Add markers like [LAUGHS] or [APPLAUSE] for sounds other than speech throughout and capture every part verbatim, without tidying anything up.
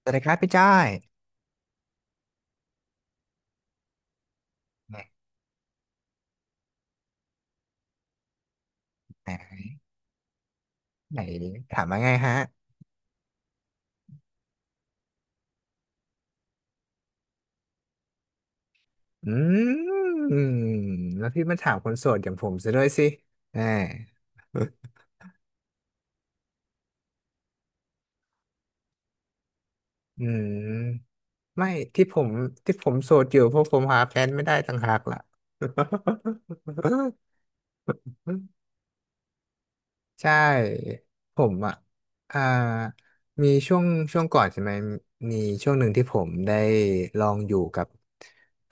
สวัสดีครับพี่จ้อยไหนไหนถามว่าไงฮะ อืม แล้วพี่มาถามคนโสดอย่างผมซะด้วยสิแหมอืมไม่ที่ผมที่ผมโสดอยู่เพราะผมหาแฟนไม่ได้ต่างหากล่ะ [LAUGHS] ใช่ผมอ่ะอ่ามีช่วงช่วงก่อนใช่ไหม มีช่วงหนึ่งที่ผมได้ลองอยู่กับ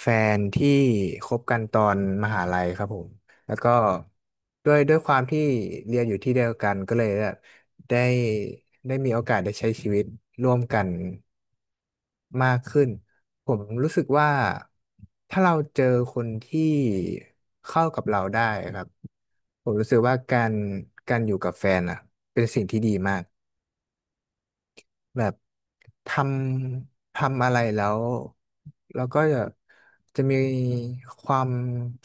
แฟนที่คบกันตอนมหาลัยครับผม แล้วก็ด้วยด้วยความที่เรียนอยู่ที่เดียวกันก็เลยแบบได้ได้มีโอกาสได้ใช้ชีวิตร่วมกันมากขึ้นผมรู้สึกว่าถ้าเราเจอคนที่เข้ากับเราได้ครับผมรู้สึกว่าการการอยู่กับแฟนอ่ะเป็นสิ่งที่ดีมาก แบบทำทำอะไรแล้วแล้วก็จะจะมีความ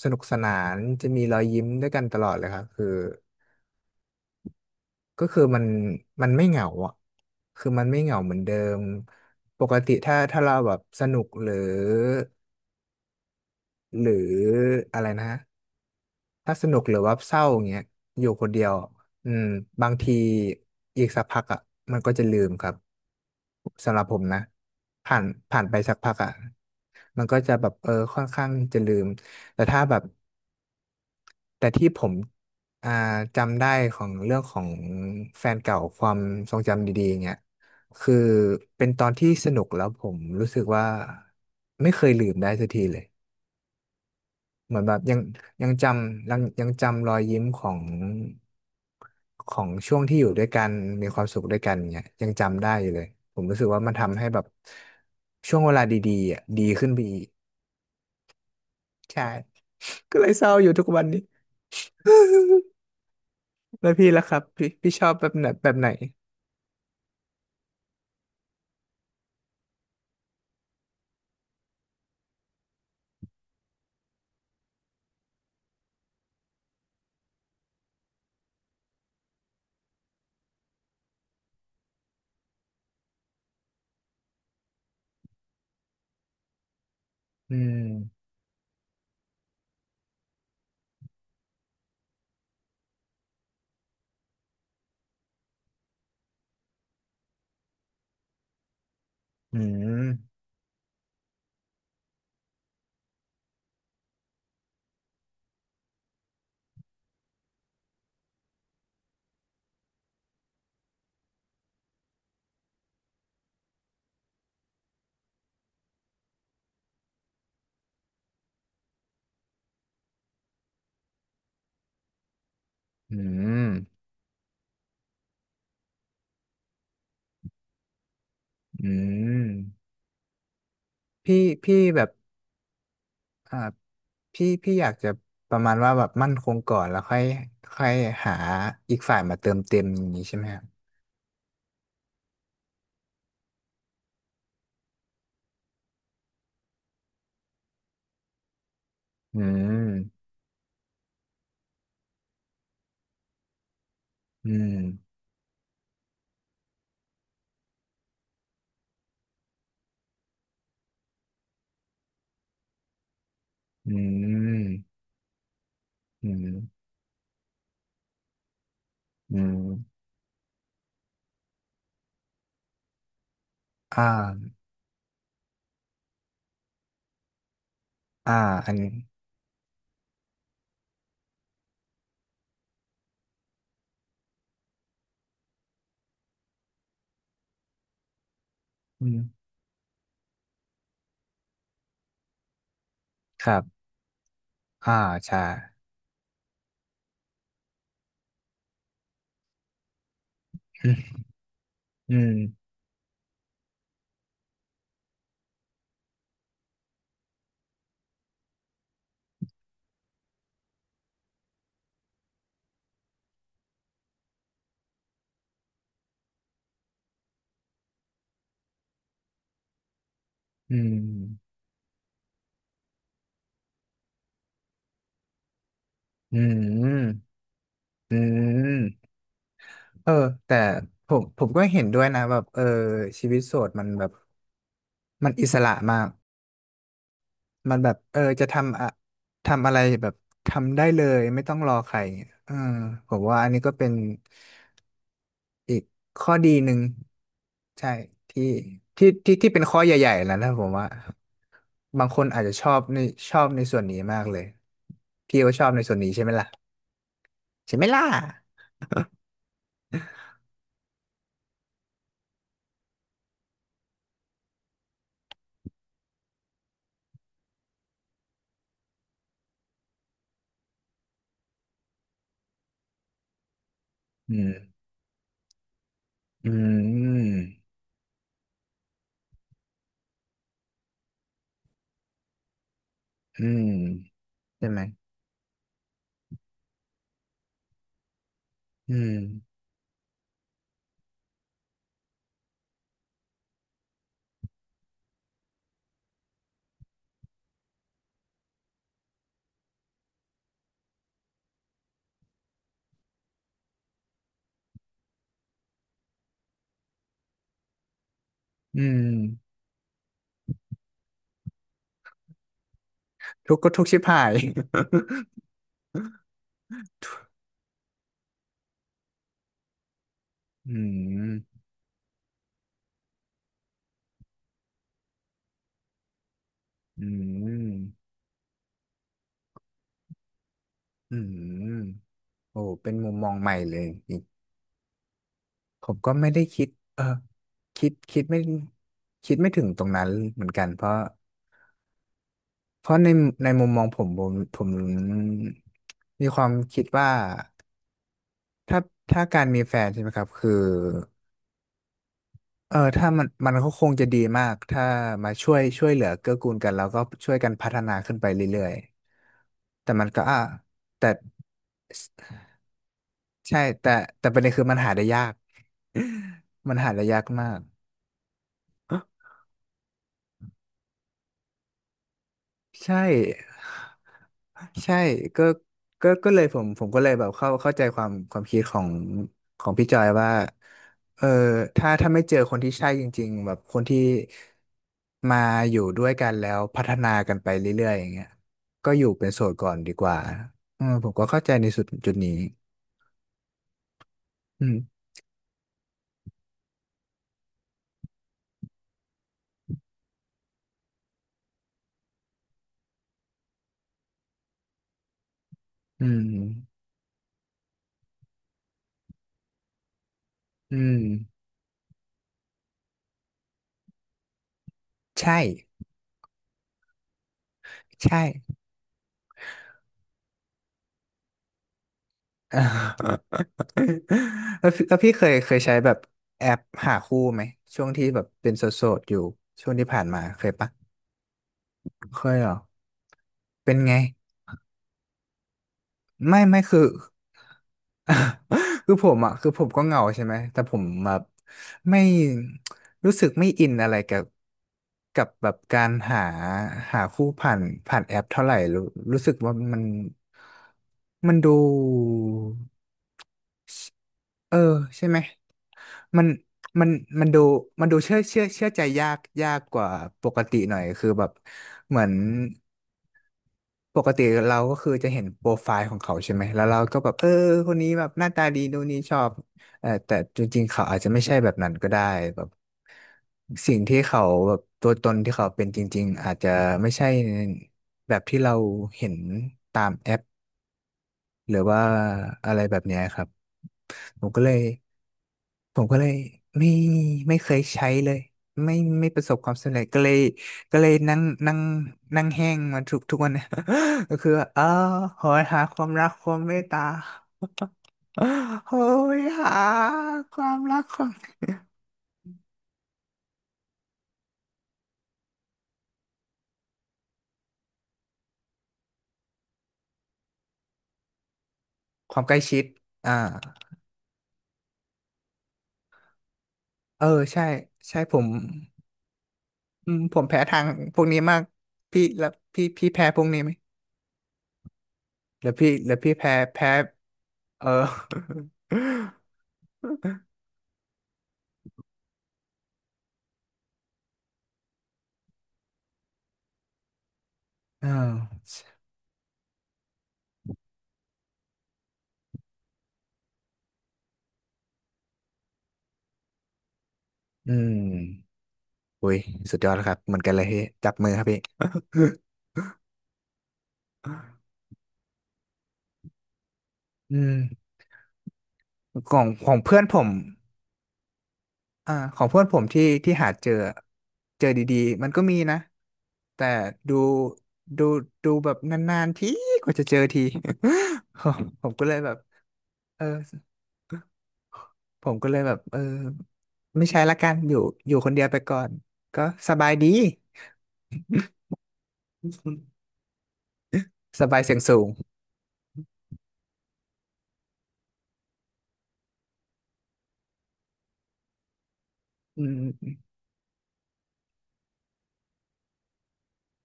สนุกสนานจะมีรอยยิ้มด้วยกันตลอดเลยครับคือก็คือมันมันไม่เหงาอ่ะคือมันไม่เหงาเหมือนเดิมปกติถ้าถ้าเราแบบสนุกหรือหรืออะไรนะ ถ้าสนุกหรือว่าเศร้าอย่างเงี้ยอยู่คนเดียวอืมบางทีอีกสักพักอ่ะมันก็จะลืมครับสำหรับผมนะผ่านผ่านไปสักพักอ่ะมันก็จะแบบเออค่อนข้างจะลืมแต่ถ้าแบบแต่ที่ผมอ่าจำได้ของเรื่องของแฟนเก่าความทรงจำดีๆเงี้ยคือเป็นตอนที่สนุกแล้วผมรู้สึกว่าไม่เคยลืมได้สักทีเลย เหมือนแบบยังยังจำยังยังจำรอยยิ้มของของช่วงที่อยู่ด้วยกันมีความสุขด้วยกันเนี่ยยังจำได้อยู่เลยผมรู้สึกว่ามันทำให้แบบช่วงเวลาดีๆอ่ะดีขึ้นไปอีกใช่ก็เลยเศร้าอยู่ทุกวันนี้แล้วพี่ล่ะครับพี่พี่ชอบแบบไหนแบบไหนอืมอืมอืมอืมพี่พี่แบบ อ่าพี่พี่อยากจะประมาณว่าแบบมั่นคงก่อนแล้วค่อยค่อยหาอีกฝ่ายมาเติมเต็มอย่างนี้ใช่ไหมครับอืมอืมอืมอืมอืมอ่าอ่าอันนี้อืมครับอ่าใช่อืมอืมอืมอืมเออแต่ผมผมก็เห็นด้วยนะแบบเออชีวิตโสดมันแบบมันอิสระมาก มันแบบเออจะทำอะทำอะไรแบบทำได้เลยไม่ต้องรอใครเออผมว่าอันนี้ก็เป็นอีกข้อดีหนึ่งใช่ที่ที่ที่ที่เป็นข้อใหญ่ๆแล้วนะผมว่าบางคนอาจจะชอบในชอบในส่วนนี้มากเลยพี่ก็ชอบในส่วนนี้ใช่ไหมล่ะใช่ไหมล่ะอืมอืมอืมใช่ไหมอืมอืมทุกข์ก็ทุกข์ชิบหาย [LAUGHS] อืมอืมอืม โอ้เป็นมุมมองใหม่เลยอีกผมก็ไม่ได้คิดเออคิดคิดไม่คิดไม่ถึงตรงนั้นเหมือนกัน เพราะเพราะในในมุมมองผมผมผม มีความคิดว่าถ้าถ้าการมีแฟนใช่ไหมครับ คือเออถ้ามันมันก็คงจะดีมาก ถ้ามาช่วยช่วยเหลือเกื้อกูลกันแล้วก็ช่วยกันพัฒนาขึ้นไปเรื่อยๆ แต่มันก็อ่ะแต่ใช่แต่แต่ประเด็นคือมันหาได้ยาก [LAUGHS] มันหาได้ยากมาก ใช่ใช่ก็ก็ก็เลยผมผมก็เลยแบบเข้าเข้าใจความความคิดของของพี่จอยว่าเออถ้าถ้าไม่เจอคนที่ใช่จริงๆแบบคนที่มาอยู่ด้วยกันแล้วพัฒนากันไปเรื่อยๆอย่างเงี้ยก็อยู่เป็นโสดก่อนดีกว่าอืมผมก็เข้าใจในสุดจุดนี้อืมอืมอืมใช่ใช่ [LAUGHS] แล้วพี่แล้วพี่เคยเคยใช้แบบแอปหาคู่ไหมช่วงที่แบบเป็นโสดๆอยู่ช่วงที่ผ่านมาเคยปะเคยเหรอเป็นไงไม่ไม่คือ [LAUGHS] คือผมอ่ะคือผมก็เหงาใช่ไหมแต่ผมแบบไม่รู้สึกไม่อินอะไรกับกับแบบการหาหาคู่ผ่านผ่านแอปเท่าไหร่รู้รู้สึกว่ามันมันดูเออใช่ไหม มันมันมันดูมันดูเชื่อเชื่อเชื่อใจยากยากกว่าปกติหน่อยคือแบบเหมือนปกติเราก็คือจะเห็นโปรไฟล์ของเขาใช่ไหมแล้วเราก็แบบเออคนนี้แบบหน้าตาดีดูนนี้ชอบเออแต่จริงๆเขาอาจจะไม่ใช่แบบนั้นก็ได้แบบสิ่งที่เขาแบบตัวตนที่เขาเป็นจริงๆอาจจะไม่ใช่แบบที่เราเห็นตามแอปหรือว่าอะไรแบบเนี้ยครับผมก็เลย ผมก็เลยไม่ไม่เคยใช้เลยไม่ไม่ประสบความสำเร็จก็เลยก็เลยนั่งนั่งนั่งแห้งมาทุกทุกวันนะ [LAUGHS] ก็คือว่าเออหอยหาความรักความเมตตา [LAUGHS] โหยหาความรักความความใกล้ชิดอ่าเออใช่ใช่ผมอืมผมแพ้ทางพวกนี้มากพี่แล้วพี่พี่แพ้พวกนี้ไหมแล้วพี่แล้วพี่แพ้แพ้เออ [LAUGHS] อ่าอืม อุ้ยสุดยอดแล้วครับเหมือนกันเลยพี่จับมือครับพี่ [LAUGHS] อืมของของเพื่อนผมอ่าของเพื่อนผมที่ที่หาเจอเจอดีๆมันก็มีนะแต่ดูดูดูแบบนานๆทีกว่าจะเจอที [LAUGHS] ผมผมก็เลยแบบเออผมก็เลยแบบเออไม่ใช้ละกันอยู่อยู่คนเดียวไปก่อนก็สบายดี [LAUGHS] สบายเสียงสูงอืม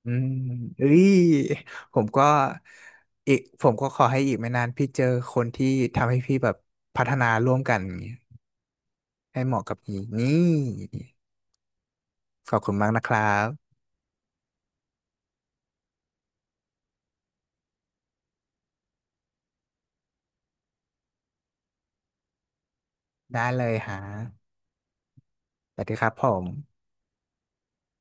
อืมเอ้ยผมก็อีกผมก็ขอให้อีกไม่นานพี่เจอคนที่ทำให้พี่แบบพัฒนาร่วมกันอย่างเงี้ยให้เหมาะกับพี่นี่ขอบคุณมากนะครับได้เลยฮะสวัสดีครับผม